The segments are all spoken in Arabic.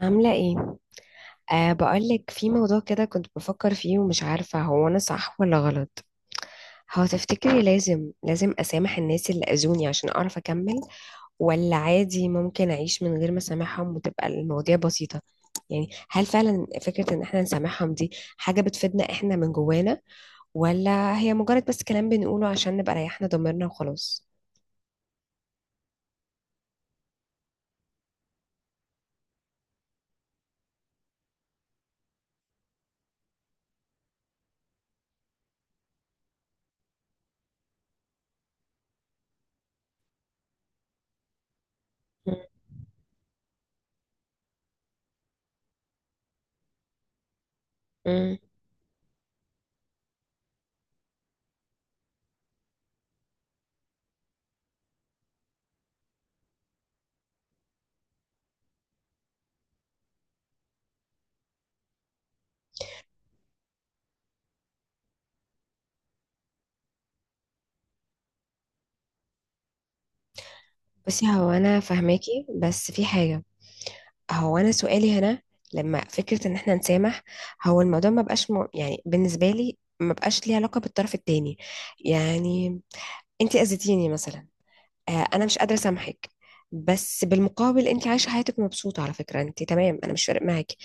عاملة ايه؟ بقولك في موضوع كده كنت بفكر فيه، ومش عارفة هو أنا صح ولا غلط. هو تفتكري لازم أسامح الناس اللي أذوني عشان أعرف أكمل، ولا عادي ممكن أعيش من غير ما أسامحهم وتبقى المواضيع بسيطة؟ يعني هل فعلا فكرة إن احنا نسامحهم دي حاجة بتفيدنا احنا من جوانا، ولا هي مجرد بس كلام بنقوله عشان نبقى ريحنا ضميرنا وخلاص؟ مم. مم. بصي، هو أنا فاهماكي بس في حاجة. هو انا سؤالي هنا، لما فكره ان احنا نسامح، هو الموضوع ما بقاش يعني بالنسبه لي ما بقاش ليه علاقه بالطرف التاني. يعني انت اذيتيني مثلا، انا مش قادره اسامحك. بس بالمقابل انت عايشه حياتك مبسوطه، على فكره انت تمام، انا مش فارق معاكي.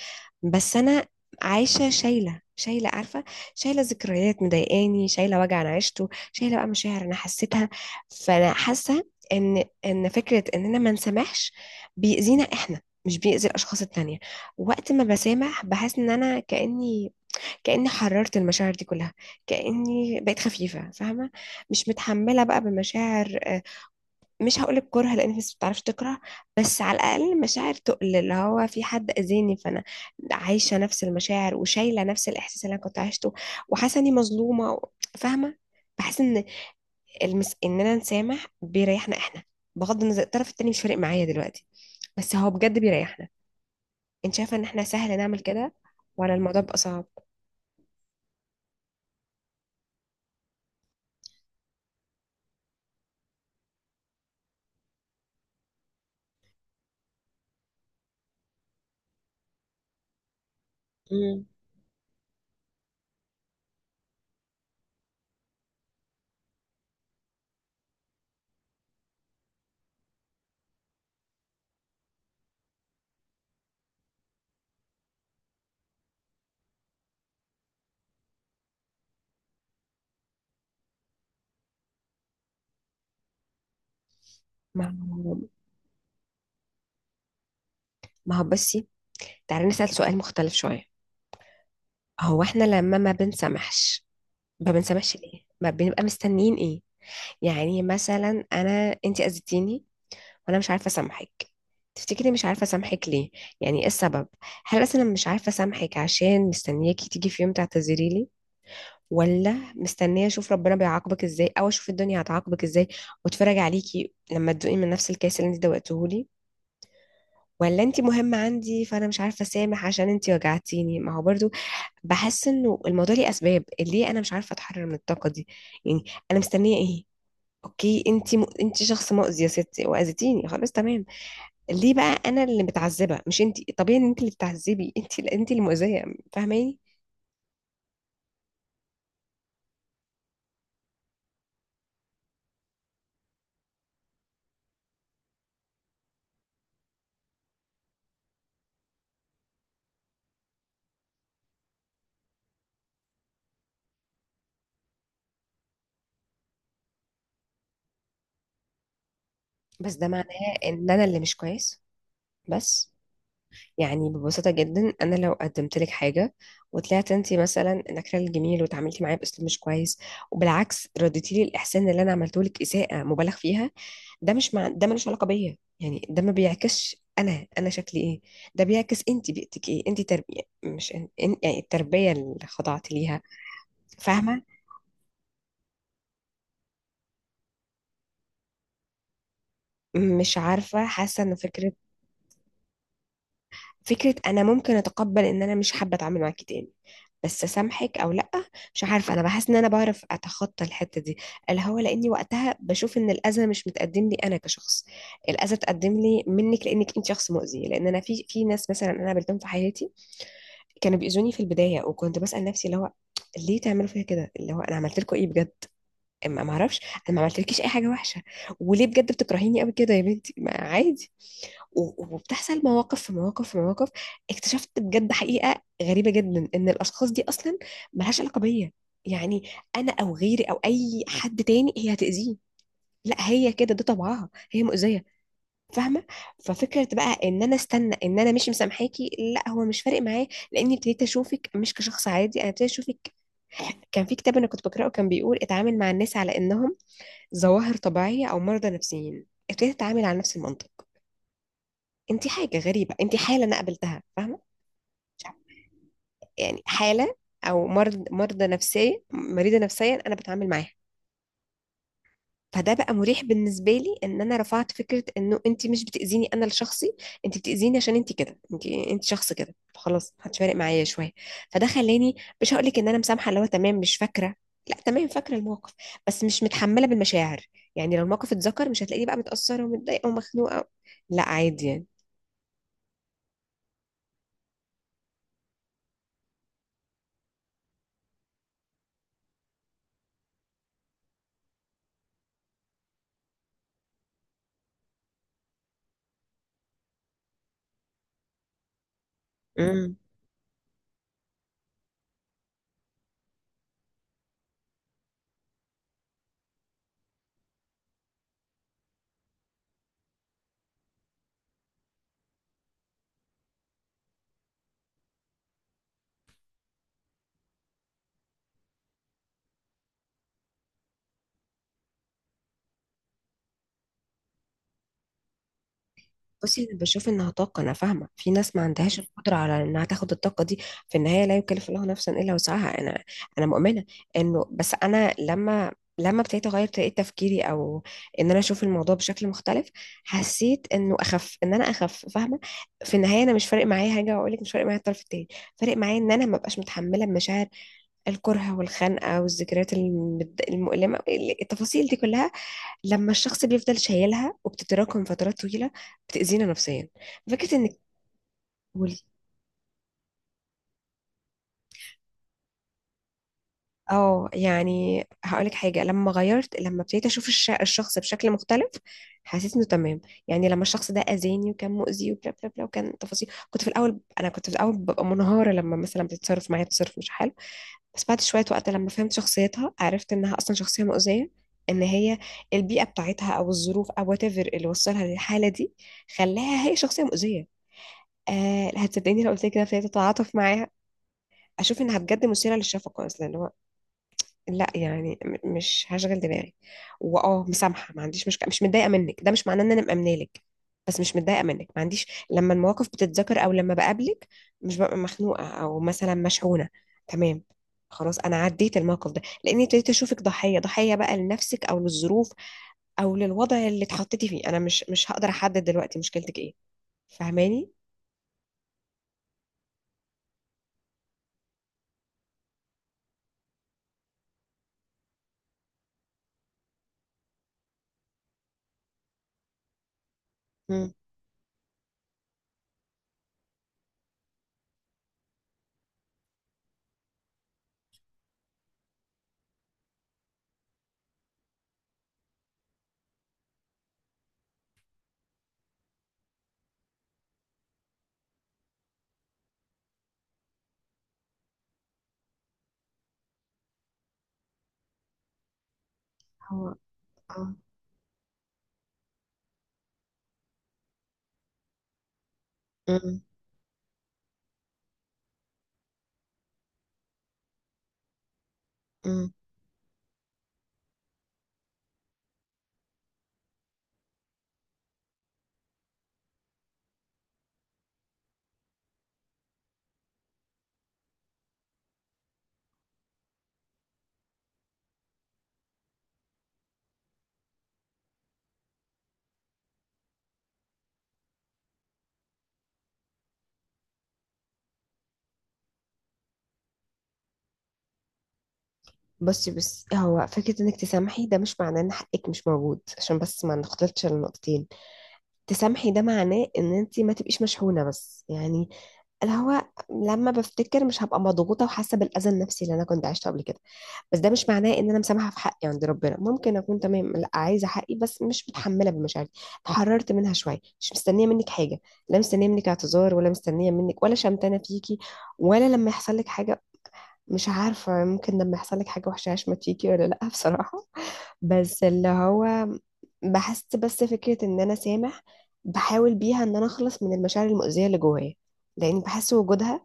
بس انا عايشه شايله، شايله عارفه، شايله ذكريات مضايقاني، شايله وجع انا عشته، شايله بقى مشاعر انا حسيتها. فانا حاسه ان فكره اننا ما نسامحش بيأذينا احنا، مش بيأذي الاشخاص التانية. وقت ما بسامح بحس ان انا كأني حررت المشاعر دي كلها، كأني بقيت خفيفة فاهمة، مش متحملة بقى بمشاعر، مش هقولك كره لان في ناس بتعرفش تكره، بس على الاقل مشاعر تقل اللي هو في حد اذاني، فانا عايشه نفس المشاعر وشايله نفس الاحساس اللي انا كنت عايشته، وحاسه اني مظلومه فاهمه. بحس ان اننا نسامح بيريحنا احنا، بغض النظر الطرف التاني مش فارق معايا دلوقتي، بس هو بجد بيريحنا. انت شايفه ان احنا سهل نعمل كده، ولا الموضوع بقى صعب؟ مم. ما هو ما هو بصي، تعالي نسأل سؤال مختلف شويه. هو احنا لما ما بنسامحش، ما بنسامحش ليه؟ ما بنبقى مستنيين ايه؟ يعني مثلا انا، انت اذيتيني وانا مش عارفه اسامحك. تفتكري مش عارفه اسامحك ليه؟ يعني ايه السبب؟ هل اصلا أنا مش عارفه اسامحك عشان مستنياكي تيجي في يوم تعتذري لي، ولا مستنيه اشوف ربنا بيعاقبك ازاي، او اشوف الدنيا هتعاقبك ازاي واتفرج عليكي لما تدوقي من نفس الكاس اللي انت دوقته لي، ولا انت مهمه عندي فانا مش عارفه اسامح عشان انت وجعتيني؟ ما هو برضو بحس انه الموضوع ليه اسباب، ليه انا مش عارفه اتحرر من الطاقه دي. يعني انا مستنيه ايه؟ اوكي انت انت شخص مؤذي يا ستي واذيتيني، خلاص تمام، ليه بقى انا اللي متعذبه مش انت؟ طبيعي ان انت اللي بتعذبي، انت اللي مؤذيه. فاهماني؟ بس ده معناه ان انا اللي مش كويس؟ بس يعني ببساطة جدا، أنا لو قدمت لك حاجة وطلعت أنت مثلا نكرة الجميل وتعاملتي معايا بأسلوب مش كويس، وبالعكس رديتي لي الإحسان اللي أنا عملته لك إساءة مبالغ فيها، ده مش ده ملوش علاقة بيا، يعني ده ما بيعكسش أنا شكلي إيه، ده بيعكس أنت بيئتك إيه، أنت تربية مش يعني التربية اللي خضعت ليها. فاهمة؟ مش عارفة، حاسة إن فكرة، فكرة أنا ممكن أتقبل إن أنا مش حابة أتعامل معاكي تاني، بس سامحك او لا، مش عارفه. انا بحس ان انا بعرف اتخطى الحته دي، اللي هو لاني وقتها بشوف ان الاذى مش متقدم لي انا كشخص. الاذى اتقدم لي منك لانك انت شخص مؤذي، لان انا في ناس مثلا انا قابلتهم في حياتي كانوا بيؤذوني في البدايه، وكنت بسال نفسي اللي هو ليه تعملوا فيا كده، اللي هو انا عملت لكم ايه بجد؟ ما اعرفش، انا ما عملتلكيش اي حاجه وحشه، وليه بجد بتكرهيني قوي كده يا بنتي، ما عادي. و- وبتحصل مواقف في مواقف في مواقف، اكتشفت بجد حقيقة غريبة جدا، ان الاشخاص دي اصلا ملهاش علاقة بيا. يعني انا او غيري او اي حد تاني هي هتأذيه، لا هي كده، ده طبعها، هي مؤذية. فاهمة؟ ففكرة بقى ان انا استنى ان انا مش مسامحاكي، لا هو مش فارق معايا، لاني ابتديت اشوفك مش كشخص عادي، انا ابتديت اشوفك. كان في كتاب انا كنت بقراه كان بيقول اتعامل مع الناس على انهم ظواهر طبيعية او مرضى نفسيين، ابتديت اتعامل على نفس المنطق. انت حاجه غريبه، انت حاله انا قابلتها. فاهمه؟ مش عارفة. يعني حاله او مرض، مرضى نفسيه، مريضه نفسيا انا بتعامل معاها. فده بقى مريح بالنسبه لي، ان انا رفعت فكره انه انت مش بتاذيني انا لشخصي، انت بتاذيني عشان انت كده، انت شخص كده، خلاص محدش فارق معايا شويه. فده خلاني مش هقول لك ان انا مسامحه اللي هو تمام مش فاكره، لا تمام فاكره الموقف، بس مش متحمله بالمشاعر. يعني لو الموقف اتذكر مش هتلاقيني بقى متاثره ومتضايقه ومخنوقه، لا عادي. يعني بصي، انا بشوف انها طاقه، انا فاهمه في ناس ما عندهاش القدره على انها تاخد الطاقه دي. في النهايه لا يكلف الله نفسا الا وسعها. انا مؤمنه انه بس انا لما ابتديت اغير طريقه تفكيري، او ان انا اشوف الموضوع بشكل مختلف، حسيت انه اخف، ان انا اخف فاهمه. في النهايه انا مش فارق معايا حاجه، واقول لك مش فارق معايا الطرف التاني، فارق معايا ان انا ما بقاش متحمله مشاعر الكره والخنقه والذكريات المؤلمه، التفاصيل دي كلها، لما الشخص بيفضل شايلها وبتتراكم فترات طويلة، بتأذينا نفسيا. فكرة انك تقولي. اه يعني هقولك حاجة، لما غيرت، لما ابتديت اشوف الشخص بشكل مختلف، حسيت انه تمام. يعني لما الشخص ده اذاني وكان مؤذي وبلا بلا بلا، وكان تفاصيل، كنت في الاول، انا كنت في الاول ببقى منهارة لما مثلا بتتصرف معايا تصرف مش حلو. بس بعد شوية وقت لما فهمت شخصيتها عرفت انها اصلا شخصية مؤذية. ان هي البيئة بتاعتها او الظروف او whatever اللي وصلها للحالة دي، خلاها هي شخصية مؤذية. آه، هتصدقيني لو قلت لك كده ابتديت اتعاطف معاها، اشوف انها بجد مثيره للشفقه اصلا، اللي هو لا يعني مش هشغل دماغي. واه مسامحه ما عنديش مشكله، مش متضايقه منك. ده مش معناه ان انا مأمنه لك، بس مش متضايقه منك، ما عنديش، لما المواقف بتتذكر او لما بقابلك مش ببقى مخنوقه او مثلا مشحونه. تمام، خلاص انا عديت الموقف ده، لاني ابتديت اشوفك ضحيه، ضحيه بقى لنفسك او للظروف او للوضع اللي اتحطيتي فيه، انا مش هقدر احدد دلوقتي مشكلتك ايه. فاهماني؟ مم. هو اه مم. بصي، بس هو فكرة انك تسامحي، ده مش معناه ان حقك مش موجود، عشان بس ما نختلطش النقطتين. تسامحي ده معناه ان انت ما تبقيش مشحونة، بس يعني اللي هو لما بفتكر مش هبقى مضغوطة وحاسة بالاذى النفسي اللي انا كنت عشته قبل كده. بس ده مش معناه ان انا مسامحة، في حقي عند ربنا ممكن اكون تمام، لا عايزة حقي، بس مش متحملة بمشاعري، اتحررت منها شوية. مش مستنية منك حاجة، لا مستنية منك اعتذار، ولا مستنية منك، ولا شمتانة فيكي، ولا لما يحصل لك حاجة. مش عارفة، ممكن لما يحصل لك حاجة وحشة عشان ما تيجي ولا لأ، بصراحة. بس اللي هو بحس بس فكرة إن أنا سامح، بحاول بيها إن أنا أخلص من المشاعر المؤذية اللي جوايا، لأن بحس وجودها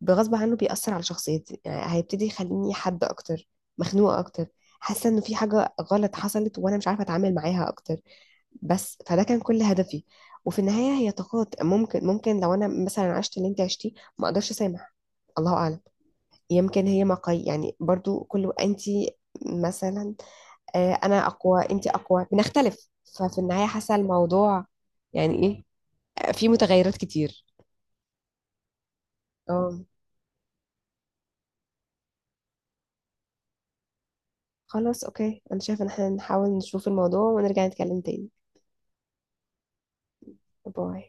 بغصب عنه بيأثر على شخصيتي، يعني هيبتدي يخليني حد أكتر مخنوقة أكتر، حاسة إنه في حاجة غلط حصلت وأنا مش عارفة أتعامل معاها أكتر. بس فده كان كل هدفي. وفي النهاية هي طاقات، ممكن لو أنا مثلا عشت اللي أنت عشتيه ما أقدرش أسامح، الله أعلم. يمكن هي مقاي يعني برضو كله انت، مثلا انا اقوى، انت اقوى، بنختلف. ففي النهاية حاسة الموضوع يعني ايه. في متغيرات كتير. اه خلاص اوكي، انا شايفة ان احنا نحاول نشوف الموضوع ونرجع نتكلم تاني. باي.